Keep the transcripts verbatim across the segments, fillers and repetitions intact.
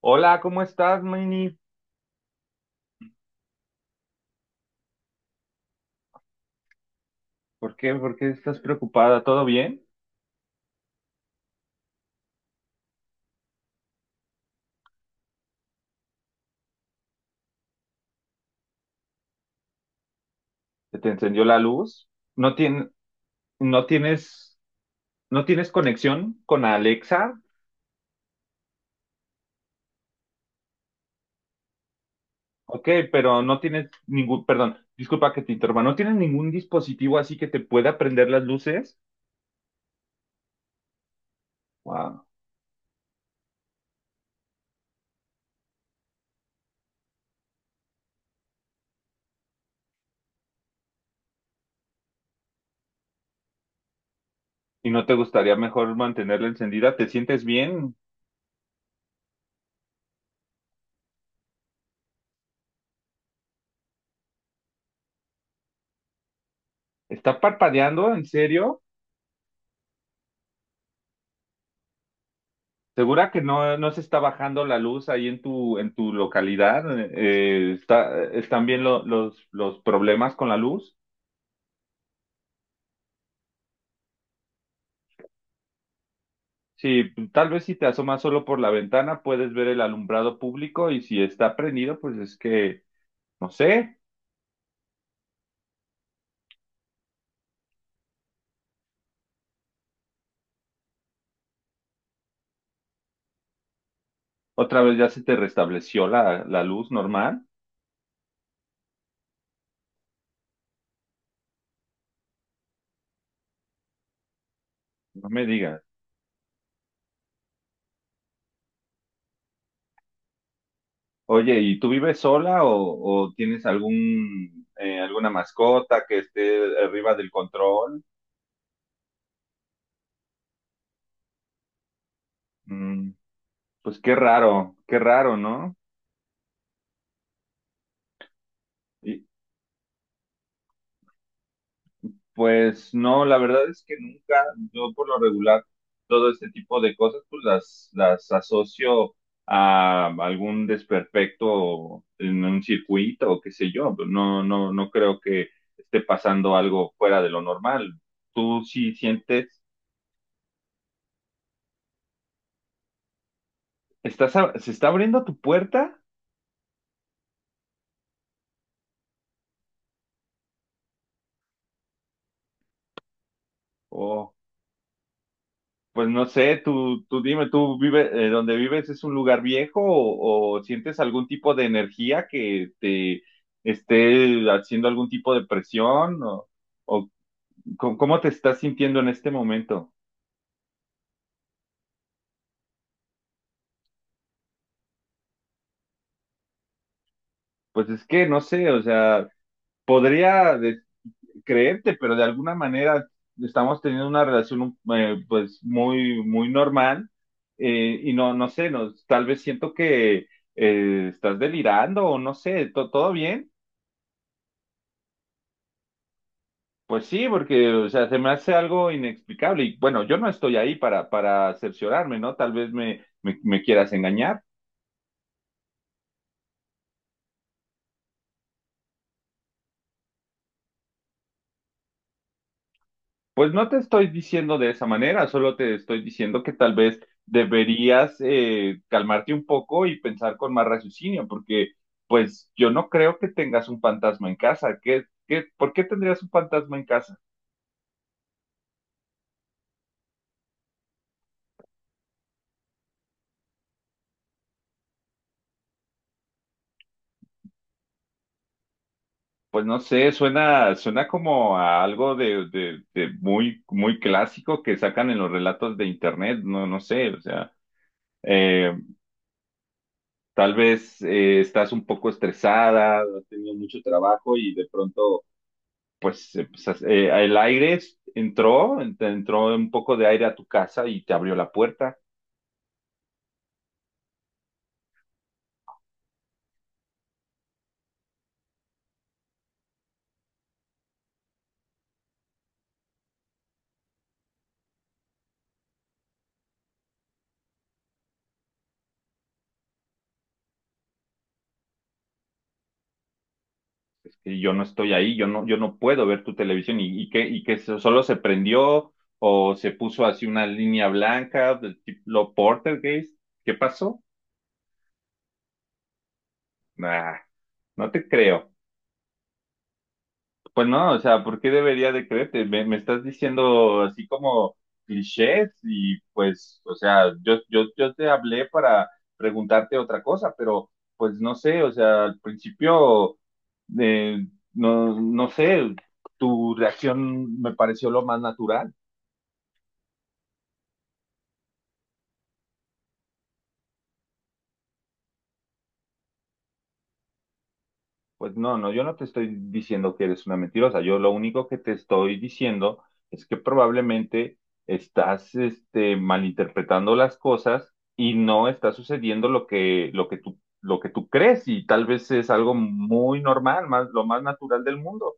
Hola, ¿cómo estás, Mini? ¿Por qué, por qué estás preocupada? ¿Todo bien? ¿Se te encendió la luz? ¿No tien- no tienes, no tienes conexión con Alexa? Ok, pero no tienes ningún, perdón, disculpa que te interrumpa, ¿no tienes ningún dispositivo así que te pueda prender las luces? Wow. ¿Y no te gustaría mejor mantenerla encendida? ¿Te sientes bien? ¿Está parpadeando? ¿En serio? ¿Segura que no, no se está bajando la luz ahí en tu, en tu localidad? Eh, está, eh, ¿están bien lo- los, los problemas con la luz? Sí, tal vez si te asomas solo por la ventana puedes ver el alumbrado público y si está prendido, pues es que, no sé, otra vez ya se te restableció la, la luz normal. No me digas. Oye, ¿y tú vives sola o, o tienes algún, eh, alguna mascota que esté arriba del control? Mm, pues qué raro, qué raro, ¿no? Pues no, la verdad es que nunca, yo por lo regular, todo este tipo de cosas, pues las, las asocio a algún desperfecto en un circuito o qué sé yo. Pues no, no, no creo que esté pasando algo fuera de lo normal. ¿Tú sí sientes, estás, a- se está abriendo tu puerta? O pues no sé, tú, tú dime, ¿tú vives, eh, donde vives es un lugar viejo o, o sientes algún tipo de energía que te esté haciendo algún tipo de presión o, o co- cómo te estás sintiendo en este momento? Pues es que no sé, o sea, podría de- creerte, pero de alguna manera estamos teniendo una relación eh, pues muy, muy normal, eh, y no, no sé, no, tal vez siento que eh, estás delirando o no sé, ¿to- ¿todo bien? Pues sí, porque, o sea, se me hace algo inexplicable. Y bueno, yo no estoy ahí para, para cerciorarme, ¿no? Tal vez me, me, me quieras engañar. Pues no te estoy diciendo de esa manera, solo te estoy diciendo que tal vez deberías eh, calmarte un poco y pensar con más raciocinio, porque pues yo no creo que tengas un fantasma en casa. ¿Qué, qué, por qué tendrías un fantasma en casa? Pues no sé, suena, suena como a algo de, de, de muy, muy clásico que sacan en los relatos de internet, no, no sé, o sea. Eh, Tal vez eh, estás un poco estresada, has tenido mucho trabajo y de pronto, pues, eh, pues, has- eh, el aire es- entró, ent- entró un poco de aire a tu casa y te abrió la puerta. Es que yo no estoy ahí, yo no, yo no puedo ver tu televisión y, y que, y que so- solo se prendió o se puso así una línea blanca del tipo Portergeist. ¿Qué pasó? Nah, no te creo. Pues no, o sea, ¿por qué debería de creerte? Me, me estás diciendo así como clichés y pues, o sea, yo, yo, yo te hablé para preguntarte otra cosa, pero pues no sé, o sea, al principio, eh, no, no sé, tu reacción me pareció lo más natural. Pues no, no, yo no te estoy diciendo que eres una mentirosa. Yo lo único que te estoy diciendo es que probablemente estás, este, malinterpretando las cosas y no está sucediendo lo que, lo que tú, lo que tú crees y tal vez es algo muy normal, más, lo más natural del mundo.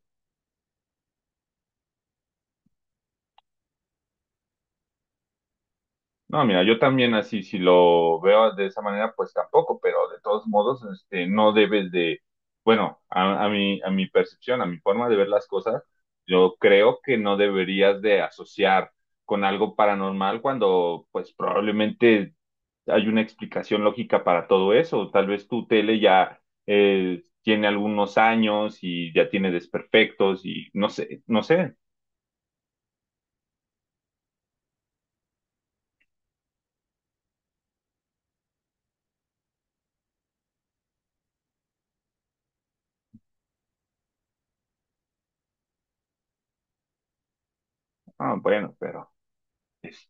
No, mira, yo también así, si lo veo de esa manera, pues tampoco, pero de todos modos, este, no debes de, bueno, a, a mi, a mi percepción, a mi forma de ver las cosas, yo creo que no deberías de asociar con algo paranormal cuando, pues probablemente hay una explicación lógica para todo eso. Tal vez tu tele ya eh, tiene algunos años y ya tiene desperfectos y no sé, no sé. Ah, bueno, pero es,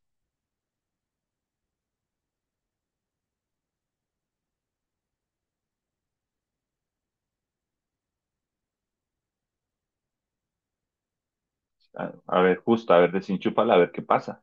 a, a ver, justo, a ver, desenchúfala, a ver qué pasa.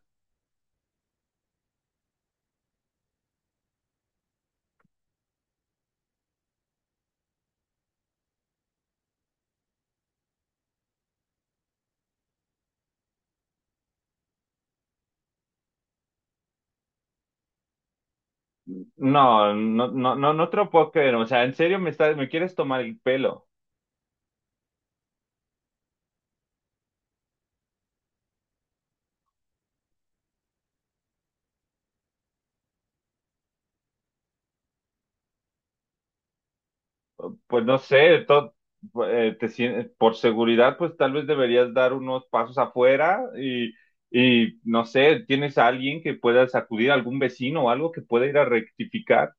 No, no, no, no, no te lo puedo creer. O sea, en serio me estás, me quieres tomar el pelo. Pues no sé, to- eh, te sien- por seguridad, pues tal vez deberías dar unos pasos afuera y, y no sé, tienes a alguien que puedas acudir, algún vecino o algo que pueda ir a rectificar.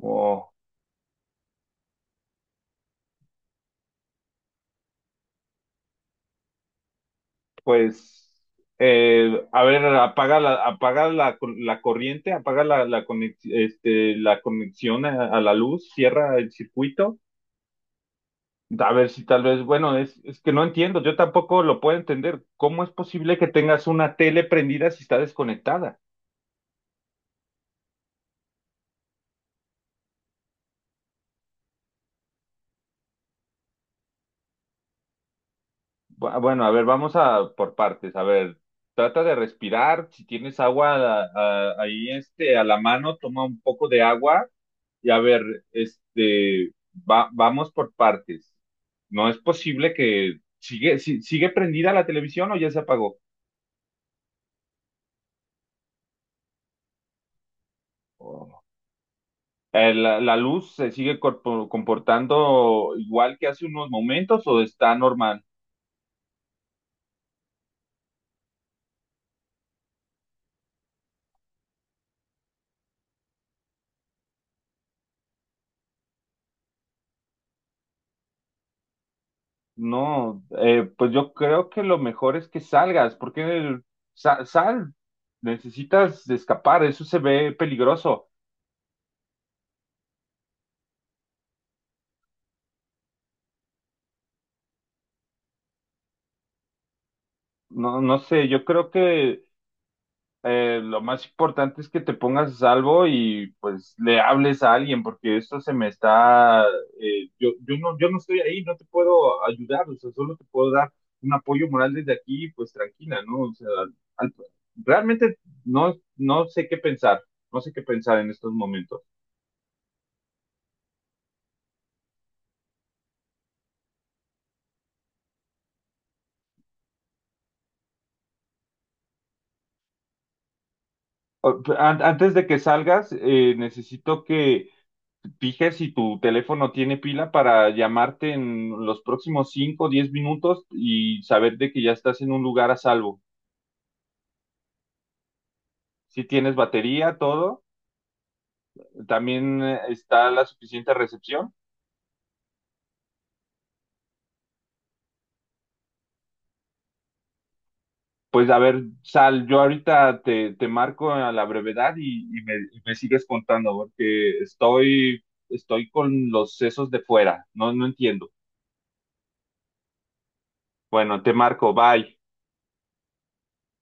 O pues, eh, a ver, apaga la, apaga la, co- la corriente, apaga la, la conex- este, la conexión a a la luz, cierra el circuito. A ver si tal vez, bueno, es, es que no entiendo, yo tampoco lo puedo entender. ¿Cómo es posible que tengas una tele prendida si está desconectada? Bu- Bueno, a ver, vamos a por partes. A ver, trata de respirar. Si tienes agua a- a- ahí este, a la mano, toma un poco de agua y a ver, este, va, vamos por partes. No es posible que sigue, si- sigue prendida la televisión o ya se apagó. Eh, ¿La, la luz se sigue corpo- comportando igual que hace unos momentos o está normal? No, eh, pues yo creo que lo mejor es que salgas, porque el- sa- sal, necesitas escapar, eso se ve peligroso. No, no sé, yo creo que eh, lo más importante es que te pongas a salvo y pues le hables a alguien, porque esto se me está, eh, yo, yo no, yo no estoy ahí, no te puedo ayudar, o sea, solo te puedo dar un apoyo moral desde aquí, pues tranquila, ¿no? O sea, al- realmente no, no sé qué pensar, no sé qué pensar en estos momentos. O- an- Antes de que salgas, eh, necesito que fije si tu teléfono tiene pila para llamarte en los próximos cinco o diez minutos y saber de que ya estás en un lugar a salvo. Si tienes batería, todo, también eh, está la suficiente recepción. Pues a ver, sal, yo ahorita te, te marco a la brevedad y, y me, y me sigues contando porque estoy, estoy con los sesos de fuera, no, no entiendo. Bueno, te marco, bye.